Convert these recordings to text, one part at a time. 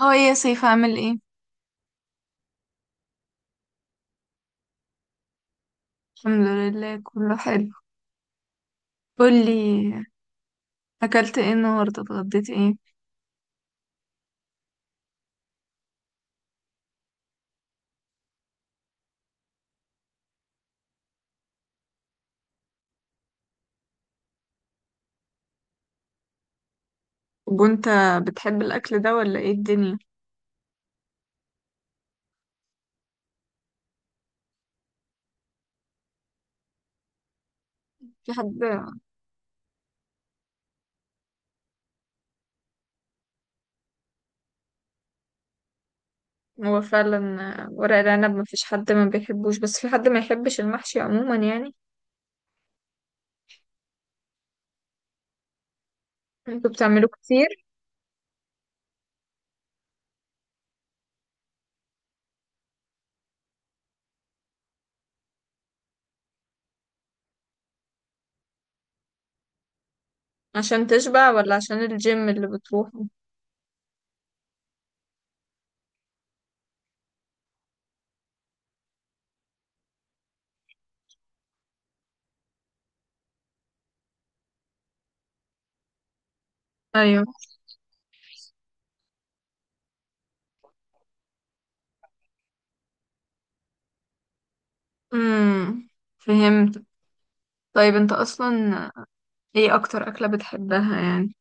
هاي يا سيف، عامل ايه؟ الحمد لله، كله حلو. قولي، اكلت ايه النهارده، اتغديت ايه؟ وانت بتحب الاكل ده ولا ايه الدنيا؟ في حد. هو فعلا، ورق العنب ما فيش حد ما بيحبوش، بس في حد ما يحبش المحشي عموما يعني. انتوا بتعملوه كتير؟ عشان تشبع ولا عشان الجيم اللي بتروحه؟ ايوه. امم فهمت. طيب انت اصلا، ايه اكتر اكلة بتحبها يعني؟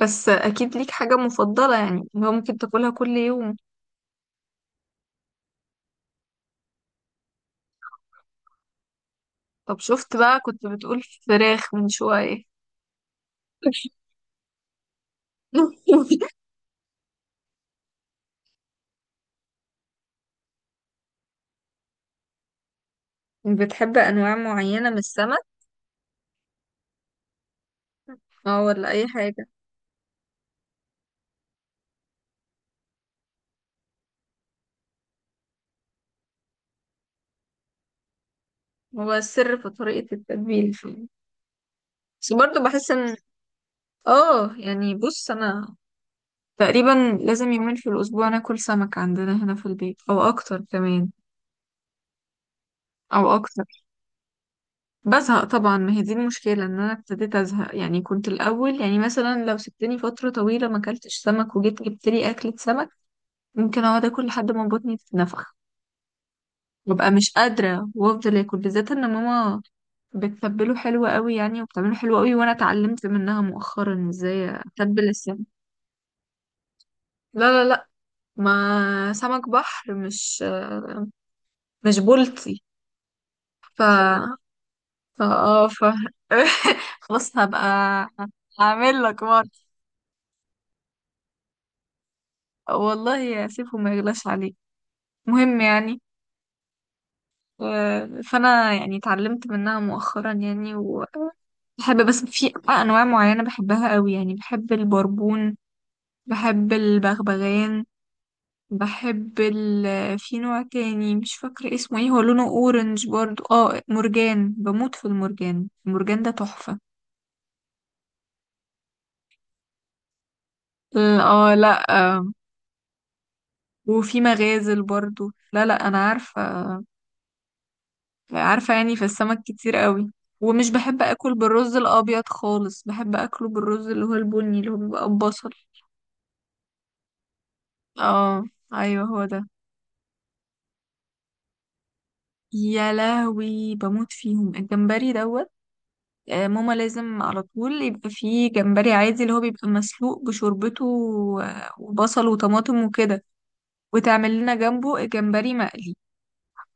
بس اكيد ليك حاجة مفضلة يعني، هو ممكن تاكلها كل يوم؟ طب شفت بقى، كنت بتقول فراخ من شوية. بتحب أنواع معينة من السمك اه، ولا أي حاجة؟ هو السر في طريقة التتبيل فيه. بس برضه بحس إن اه يعني بص، أنا تقريبا لازم يومين في الأسبوع ناكل سمك عندنا هنا في البيت، أو أكتر كمان. أو أكتر. بزهق طبعا، ما هي دي المشكلة، إن أنا ابتديت أزهق يعني. كنت الأول يعني مثلا لو سبتني فترة طويلة ما أكلتش سمك وجيت جبت لي أكلة سمك، ممكن أقعد أكل لحد ما بطني تتنفخ. ببقى مش قادرة، وافضل اكل بالذات ان ماما بتتبله حلو قوي يعني، وبتعمله حلو قوي، وانا اتعلمت منها مؤخرا ازاي اتبل السمك. لا لا لا، ما سمك بحر، مش بولتي. ف ف اه ف خلاص، هبقى هعمل لك مرة. والله سيبهم، ما يغلاش عليك، مهم يعني. آه، فانا يعني اتعلمت منها مؤخرا يعني، و بحب، بس في انواع معينه بحبها قوي يعني. بحب البربون، بحب البغبغان، بحب ال، في نوع تاني مش فاكرة اسمه ايه، هو لونه اورنج برضو، اه، مرجان. بموت في المرجان، المرجان ده تحفة. اه لا، آه. وفي مغازل برضو. لا لا، انا عارفة، عارفة يعني، في السمك كتير قوي. ومش بحب اكل بالرز الابيض خالص، بحب اكله بالرز اللي هو البني، اللي هو بيبقى ببصل. اه، ايوه هو ده. يا لهوي، بموت فيهم، الجمبري دوت. ماما لازم على طول يبقى فيه جمبري عادي، اللي هو بيبقى مسلوق بشوربته وبصل وطماطم وكده، وتعمل لنا جنبه جمبري مقلي،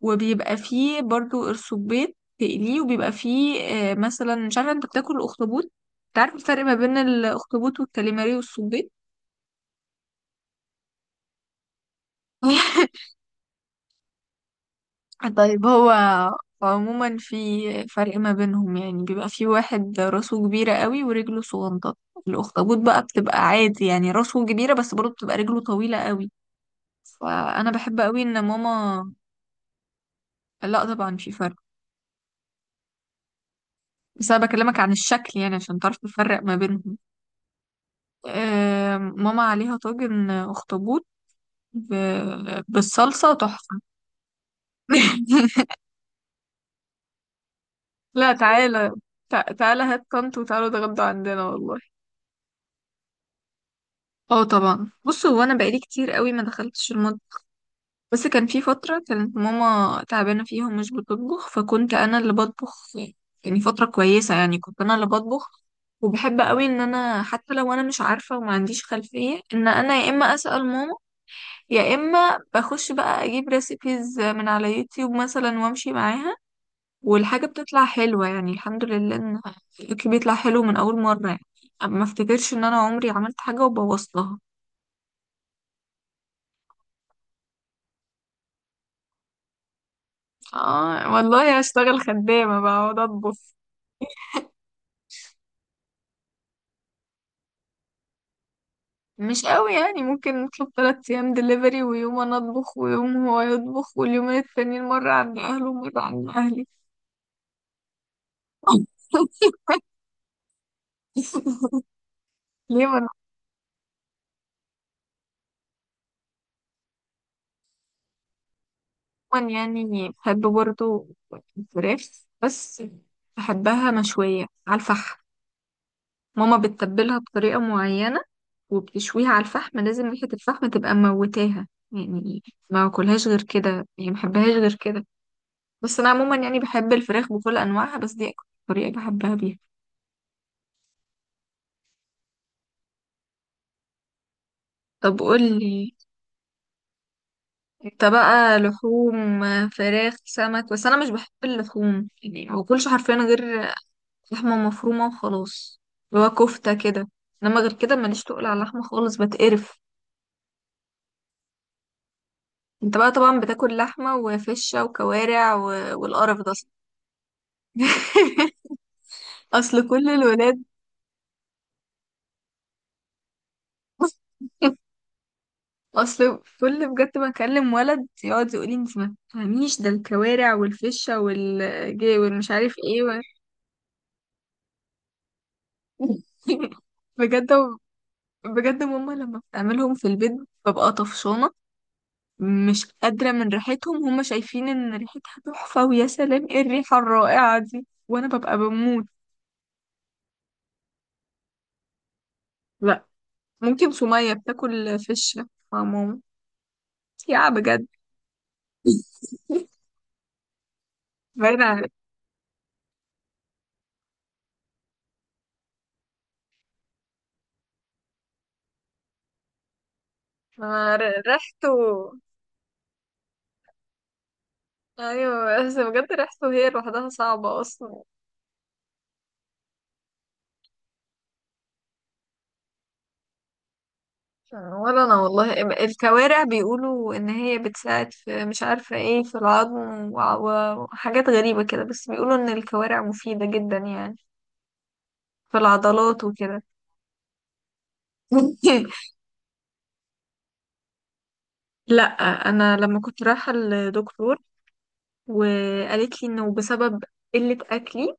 وبيبقى فيه برضو قرصبيط تقليه، وبيبقى فيه مثلا، مش عارفة انت بتاكل الاخطبوط؟ انت عارف الفرق ما بين الاخطبوط والكاليماري والصبيط؟ طيب هو عموما في فرق ما بينهم يعني. بيبقى في واحد راسه كبيرة قوي ورجله صغنطة. الأخطبوط بقى بتبقى عادي يعني راسه كبيرة، بس برضه بتبقى رجله طويلة قوي. فأنا بحب قوي إن ماما، لا طبعا في فرق، بس أنا بكلمك عن الشكل يعني عشان تعرف تفرق ما بينهم. ماما عليها طاجن أخطبوط بالصلصة تحفة. لا تعالى، تعالى هات طنط وتعالوا اتغدوا عندنا والله. اه طبعا، بص هو انا بقالي كتير قوي ما دخلتش المطبخ، بس كان في فتره كانت ماما تعبانه فيها ومش بتطبخ، فكنت انا اللي بطبخ. يعني فتره كويسه يعني كنت انا اللي بطبخ. وبحب قوي ان انا حتى لو انا مش عارفه وما عنديش خلفيه، ان انا يا اما اسال ماما، يا اما بخش بقى اجيب ريسيبيز من على يوتيوب مثلا وامشي معاها. والحاجه بتطلع حلوه يعني، الحمد لله ان الأكل بيطلع حلو من اول مره يعني. ما افتكرش ان انا عمري عملت حاجه وبوظتها. اه والله هشتغل خدامة بقى، اقعد اطبخ. مش قوي يعني، ممكن نطلب تلات ايام دليفري، ويوم انا اطبخ، ويوم هو يطبخ، واليومين التانيين مرة عند اهله ومرة عند اهلي. ليه؟ انا عموما يعني بحب برضه الفراخ، بس بحبها مشوية على الفحم. ماما بتتبلها بطريقة معينة وبتشويها على الفحم، لازم ريحة الفحم تبقى موتاها يعني. ما اكلهاش غير كده يعني، ما بحبهاش غير كده. بس انا عموما يعني بحب الفراخ بكل انواعها، بس دي اكتر طريقة بحبها بيها. طب قولي انت بقى، لحوم، فراخ، سمك؟ بس انا مش بحب اللحوم يعني، ما باكلش حرفيا غير لحمة مفرومة وخلاص، اللي هو كفتة كده. انما غير كده ماليش تقول على اللحمة خالص، بتقرف. انت بقى طبعا بتاكل لحمة وفشة وكوارع و... والقرف ده اصلا. اصل كل الولاد، اصل كل، بجد، ما اكلم ولد يقعد يقول لي، انت ما تفهميش، ده الكوارع والفشه والجي والمش عارف ايه و... بجد، بجد ماما لما بتعملهم في البيت ببقى طفشانه، مش قادره من ريحتهم. هما شايفين ان ريحتها تحفه ويا سلام، ايه الريحه الرائعه دي، وانا ببقى بموت. لا، ممكن سميه بتاكل فشه مع ماما. يا بجد. باينه عليك. ما ر- ريحته، ايوه بس بجد ريحته هي لوحدها صعبة اصلا. ولا انا والله. الكوارع بيقولوا ان هي بتساعد في، مش عارفة ايه، في العظم وحاجات غريبة كده، بس بيقولوا ان الكوارع مفيدة جدا يعني في العضلات وكده. لا انا لما كنت رايحة لدكتور، وقالت لي انه بسبب قلة اكلي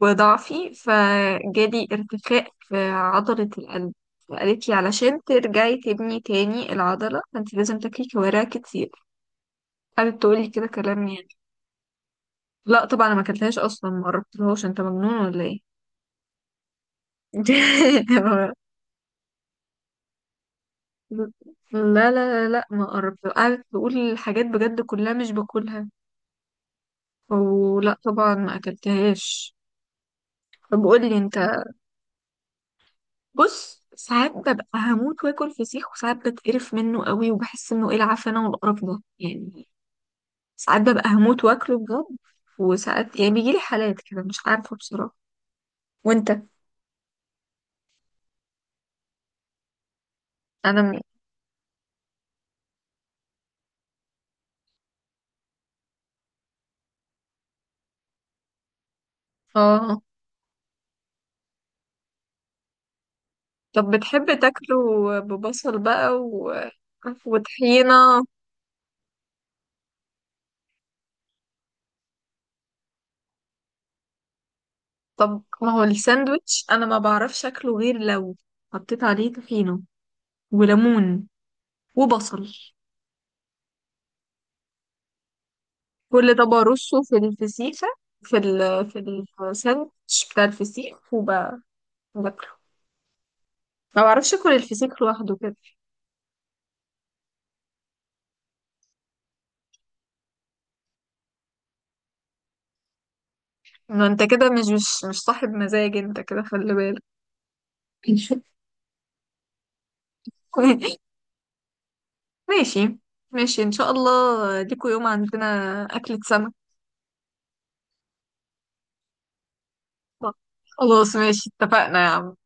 وضعفي فجالي ارتخاء في عضلة القلب، فقالت لي علشان ترجعي تبني تاني العضلة فانت لازم تاكلي كوارع كتير. قعدت تقول لي كده كلام يعني. لا طبعا انا ما اكلتهاش اصلا، ما قربتلهاش، انت مجنون ولا ايه؟ لا لا لا لا ما قربت، قعدت تقول حاجات بجد كلها مش باكلها، ولا طبعا ما اكلتهاش. طب قول لي انت، بص ساعات ببقى هموت واكل فسيخ، وساعات بتقرف منه قوي وبحس انه ايه العفانه والقرف ده يعني. ساعات ببقى هموت واكله بجد، وساعات يعني بيجيلي حالات كده مش عارفه بصراحه. وانت؟ انا م... اه طب بتحب تاكله ببصل بقى و... وطحينه؟ طب ما هو الساندوتش انا ما بعرفش اكله غير لو حطيت عليه طحينه وليمون وبصل. كل طبق رصه في الفسيخة، في ال في الساندوتش بتاع الفسيخ، وباكله. ما بعرفش اكل الفسيخ لوحده كده. ما انت كده مش صاحب مزاج، انت كده خلي بالك. ماشي، ماشي ان شاء الله، ليكوا يوم عندنا اكلة سمك. خلاص ماشي، اتفقنا يا عم.